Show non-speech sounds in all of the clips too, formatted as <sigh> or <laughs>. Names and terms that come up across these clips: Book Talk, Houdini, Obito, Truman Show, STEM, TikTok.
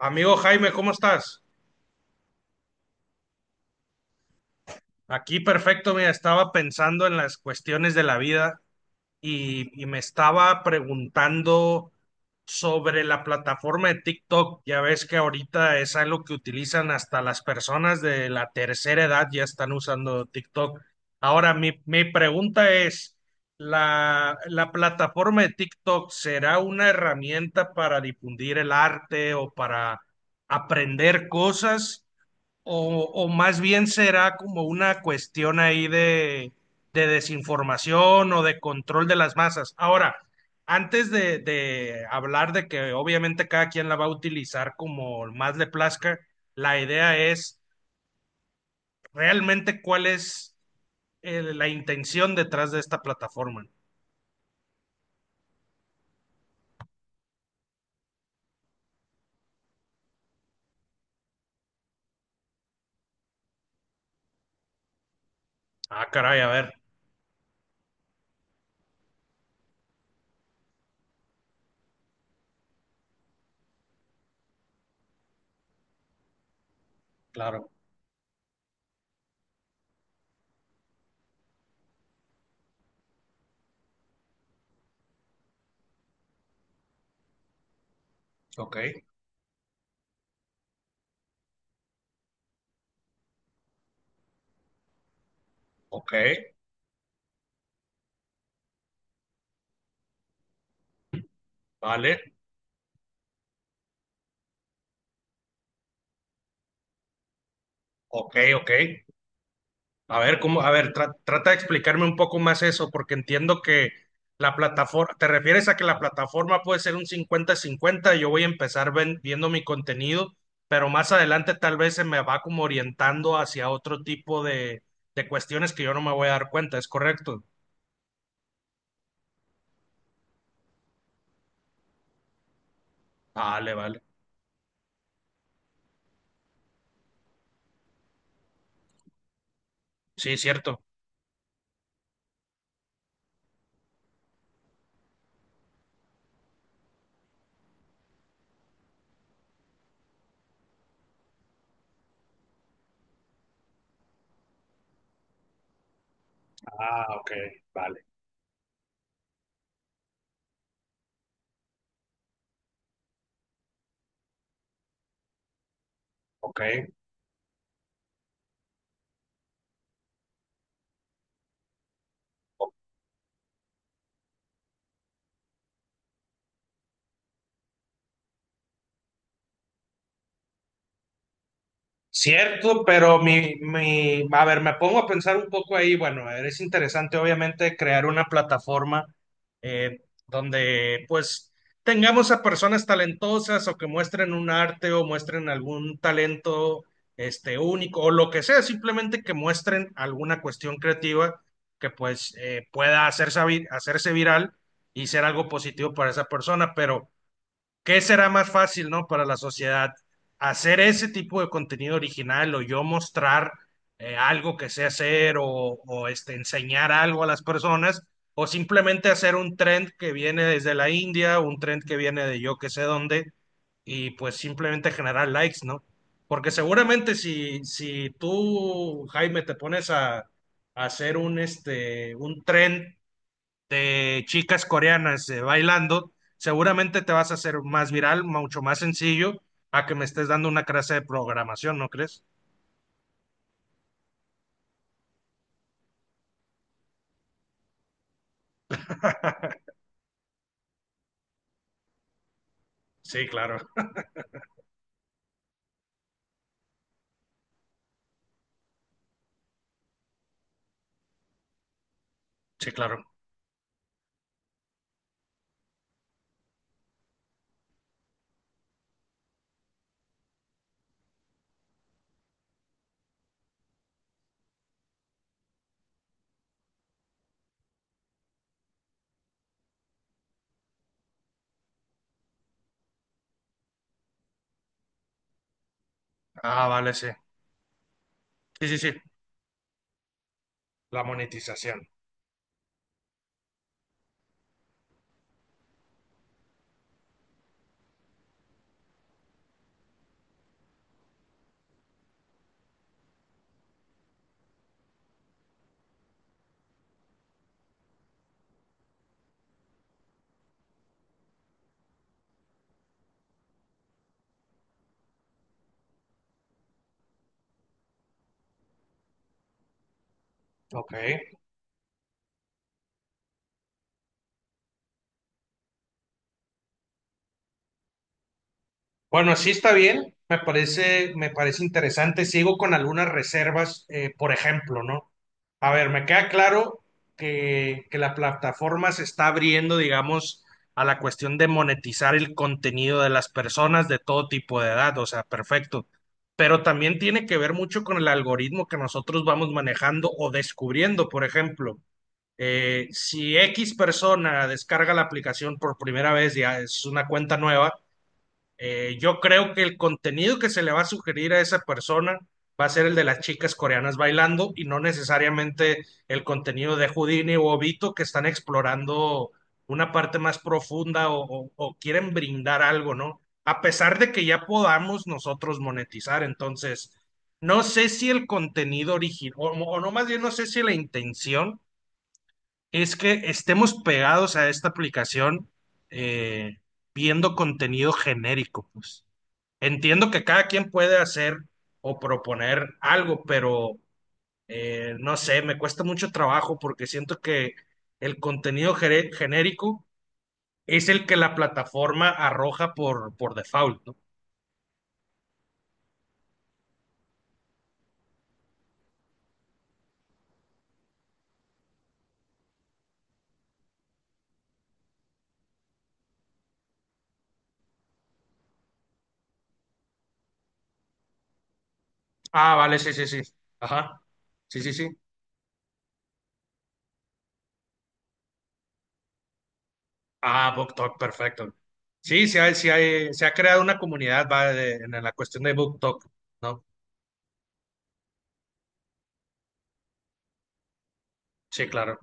Amigo Jaime, ¿cómo estás? Aquí perfecto, mira, estaba pensando en las cuestiones de la vida y me estaba preguntando sobre la plataforma de TikTok. Ya ves que ahorita es algo que utilizan hasta las personas de la tercera edad ya están usando TikTok. Ahora, mi pregunta es, ¿la plataforma de TikTok será una herramienta para difundir el arte o para aprender cosas? O más bien será como una cuestión ahí de desinformación o de control de las masas. Ahora, antes de hablar de que obviamente cada quien la va a utilizar como más le plazca, la idea es realmente cuál es la intención detrás de esta plataforma. Ah, caray, a ver, claro. Ok, ok, vale, ok, ok. A ver, cómo, a ver, trata de explicarme un poco más eso, porque entiendo que la plataforma, ¿te refieres a que la plataforma puede ser un cincuenta-cincuenta 50? Yo voy a empezar viendo mi contenido, pero más adelante tal vez se me va como orientando hacia otro tipo de cuestiones que yo no me voy a dar cuenta, ¿es correcto? Vale, vale. Sí, cierto. Ah, ok, vale, ok. Cierto, pero mi, a ver, me pongo a pensar un poco ahí. Bueno, a ver, es interesante, obviamente, crear una plataforma eh, donde, pues, tengamos a personas talentosas o que muestren un arte o muestren algún talento, este, único o lo que sea, simplemente que muestren alguna cuestión creativa que, pues, pueda hacerse, hacerse viral y ser algo positivo para esa persona. Pero ¿qué será más fácil, ¿no? Para la sociedad, hacer ese tipo de contenido original o yo mostrar algo que sé hacer o, este, enseñar algo a las personas o simplemente hacer un trend que viene desde la India, un trend que viene de yo que sé dónde y pues simplemente generar likes, ¿no? Porque seguramente si, si tú, Jaime, te pones a hacer un, este, un trend de chicas coreanas bailando, seguramente te vas a hacer más viral, mucho más sencillo, a que me estés dando una clase de programación, ¿no crees? <laughs> Sí, claro, sí, claro. Ah, vale, sí. Sí, sí, sí. La monetización. Ok. Bueno, así está bien, me parece interesante. Sigo con algunas reservas, por ejemplo, ¿no? A ver, me queda claro que la plataforma se está abriendo, digamos, a la cuestión de monetizar el contenido de las personas de todo tipo de edad, o sea, perfecto. Pero también tiene que ver mucho con el algoritmo que nosotros vamos manejando o descubriendo, por ejemplo. Si X persona descarga la aplicación por primera vez, ya es una cuenta nueva, yo creo que el contenido que se le va a sugerir a esa persona va a ser el de las chicas coreanas bailando y no necesariamente el contenido de Houdini o Obito que están explorando una parte más profunda o, o quieren brindar algo, ¿no? A pesar de que ya podamos nosotros monetizar, entonces, no sé si el contenido original, o no más bien, no sé si la intención es que estemos pegados a esta aplicación eh, viendo contenido genérico, pues. Entiendo que cada quien puede hacer o proponer algo, pero no sé, me cuesta mucho trabajo porque siento que el contenido genérico es el que la plataforma arroja por default, ¿no? Ah, vale, sí, sí, sí. Ajá. Sí, sí, sí. Ah, Book Talk, perfecto. Sí, sí, hay, se ha creado una comunidad va, en la cuestión de Book Talk, ¿no? Sí, claro.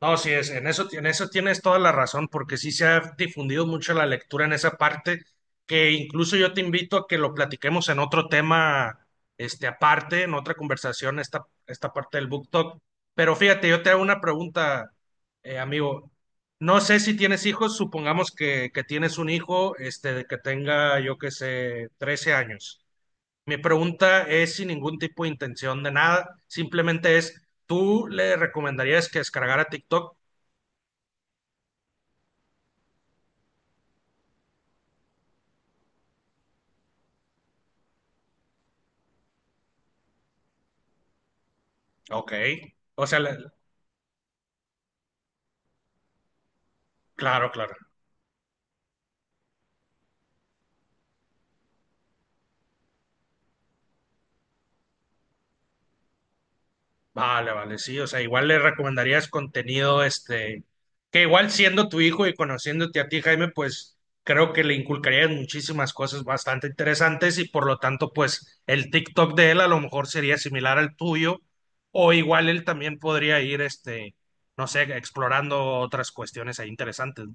No, sí, es, en eso tienes toda la razón, porque sí se ha difundido mucho la lectura en esa parte, que incluso yo te invito a que lo platiquemos en otro tema, este, aparte, en otra conversación, esta parte del book talk. Pero fíjate, yo te hago una pregunta, amigo. No sé si tienes hijos, supongamos que tienes un hijo, este, de que tenga, yo qué sé, 13 años. Mi pregunta es sin ningún tipo de intención de nada, simplemente es, ¿tú le recomendarías que descargara TikTok? Ok. O sea, le- claro, claro. Vale, vale, sí. O sea, igual le recomendarías contenido, este, que igual siendo tu hijo y conociéndote a ti, Jaime, pues creo que le inculcarías muchísimas cosas bastante interesantes y por lo tanto, pues el TikTok de él a lo mejor sería similar al tuyo o igual él también podría ir, este, no sé, explorando otras cuestiones ahí interesantes.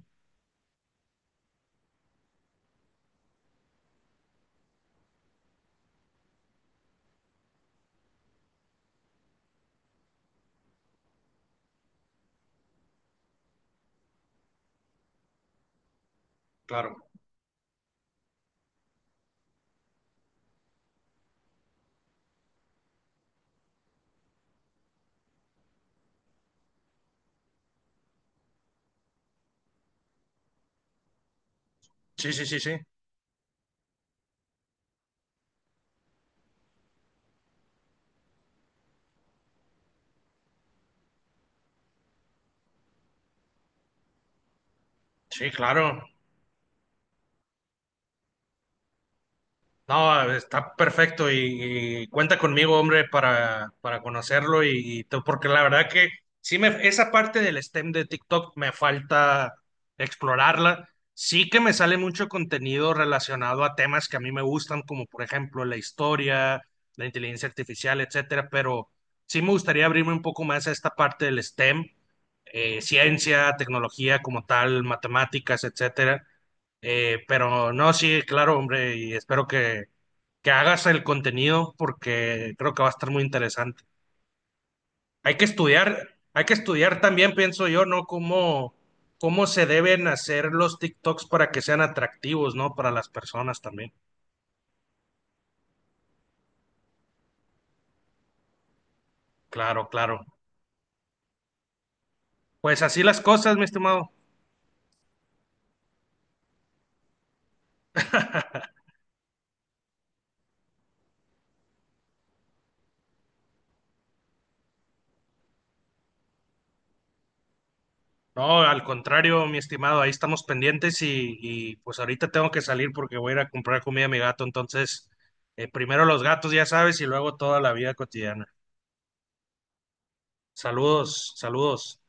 Claro. Sí, sí, sí, sí. Sí, claro. No, está perfecto y cuenta conmigo, hombre, para conocerlo y todo, porque la verdad que sí me, esa parte del STEM de TikTok me falta explorarla. Sí que me sale mucho contenido relacionado a temas que a mí me gustan, como por ejemplo la historia, la inteligencia artificial, etcétera, pero sí me gustaría abrirme un poco más a esta parte del STEM, ciencia, tecnología como tal, matemáticas, etcétera. Pero no, sí, claro, hombre, y espero que hagas el contenido porque creo que va a estar muy interesante. Hay que estudiar también, pienso yo, ¿no? Cómo, cómo se deben hacer los TikToks para que sean atractivos, ¿no? Para las personas también. Claro, claro. Pues así las cosas, mi estimado. No, al contrario, mi estimado, ahí estamos pendientes y pues ahorita tengo que salir porque voy a ir a comprar comida a mi gato, entonces primero los gatos, ya sabes, y luego toda la vida cotidiana. Saludos, saludos.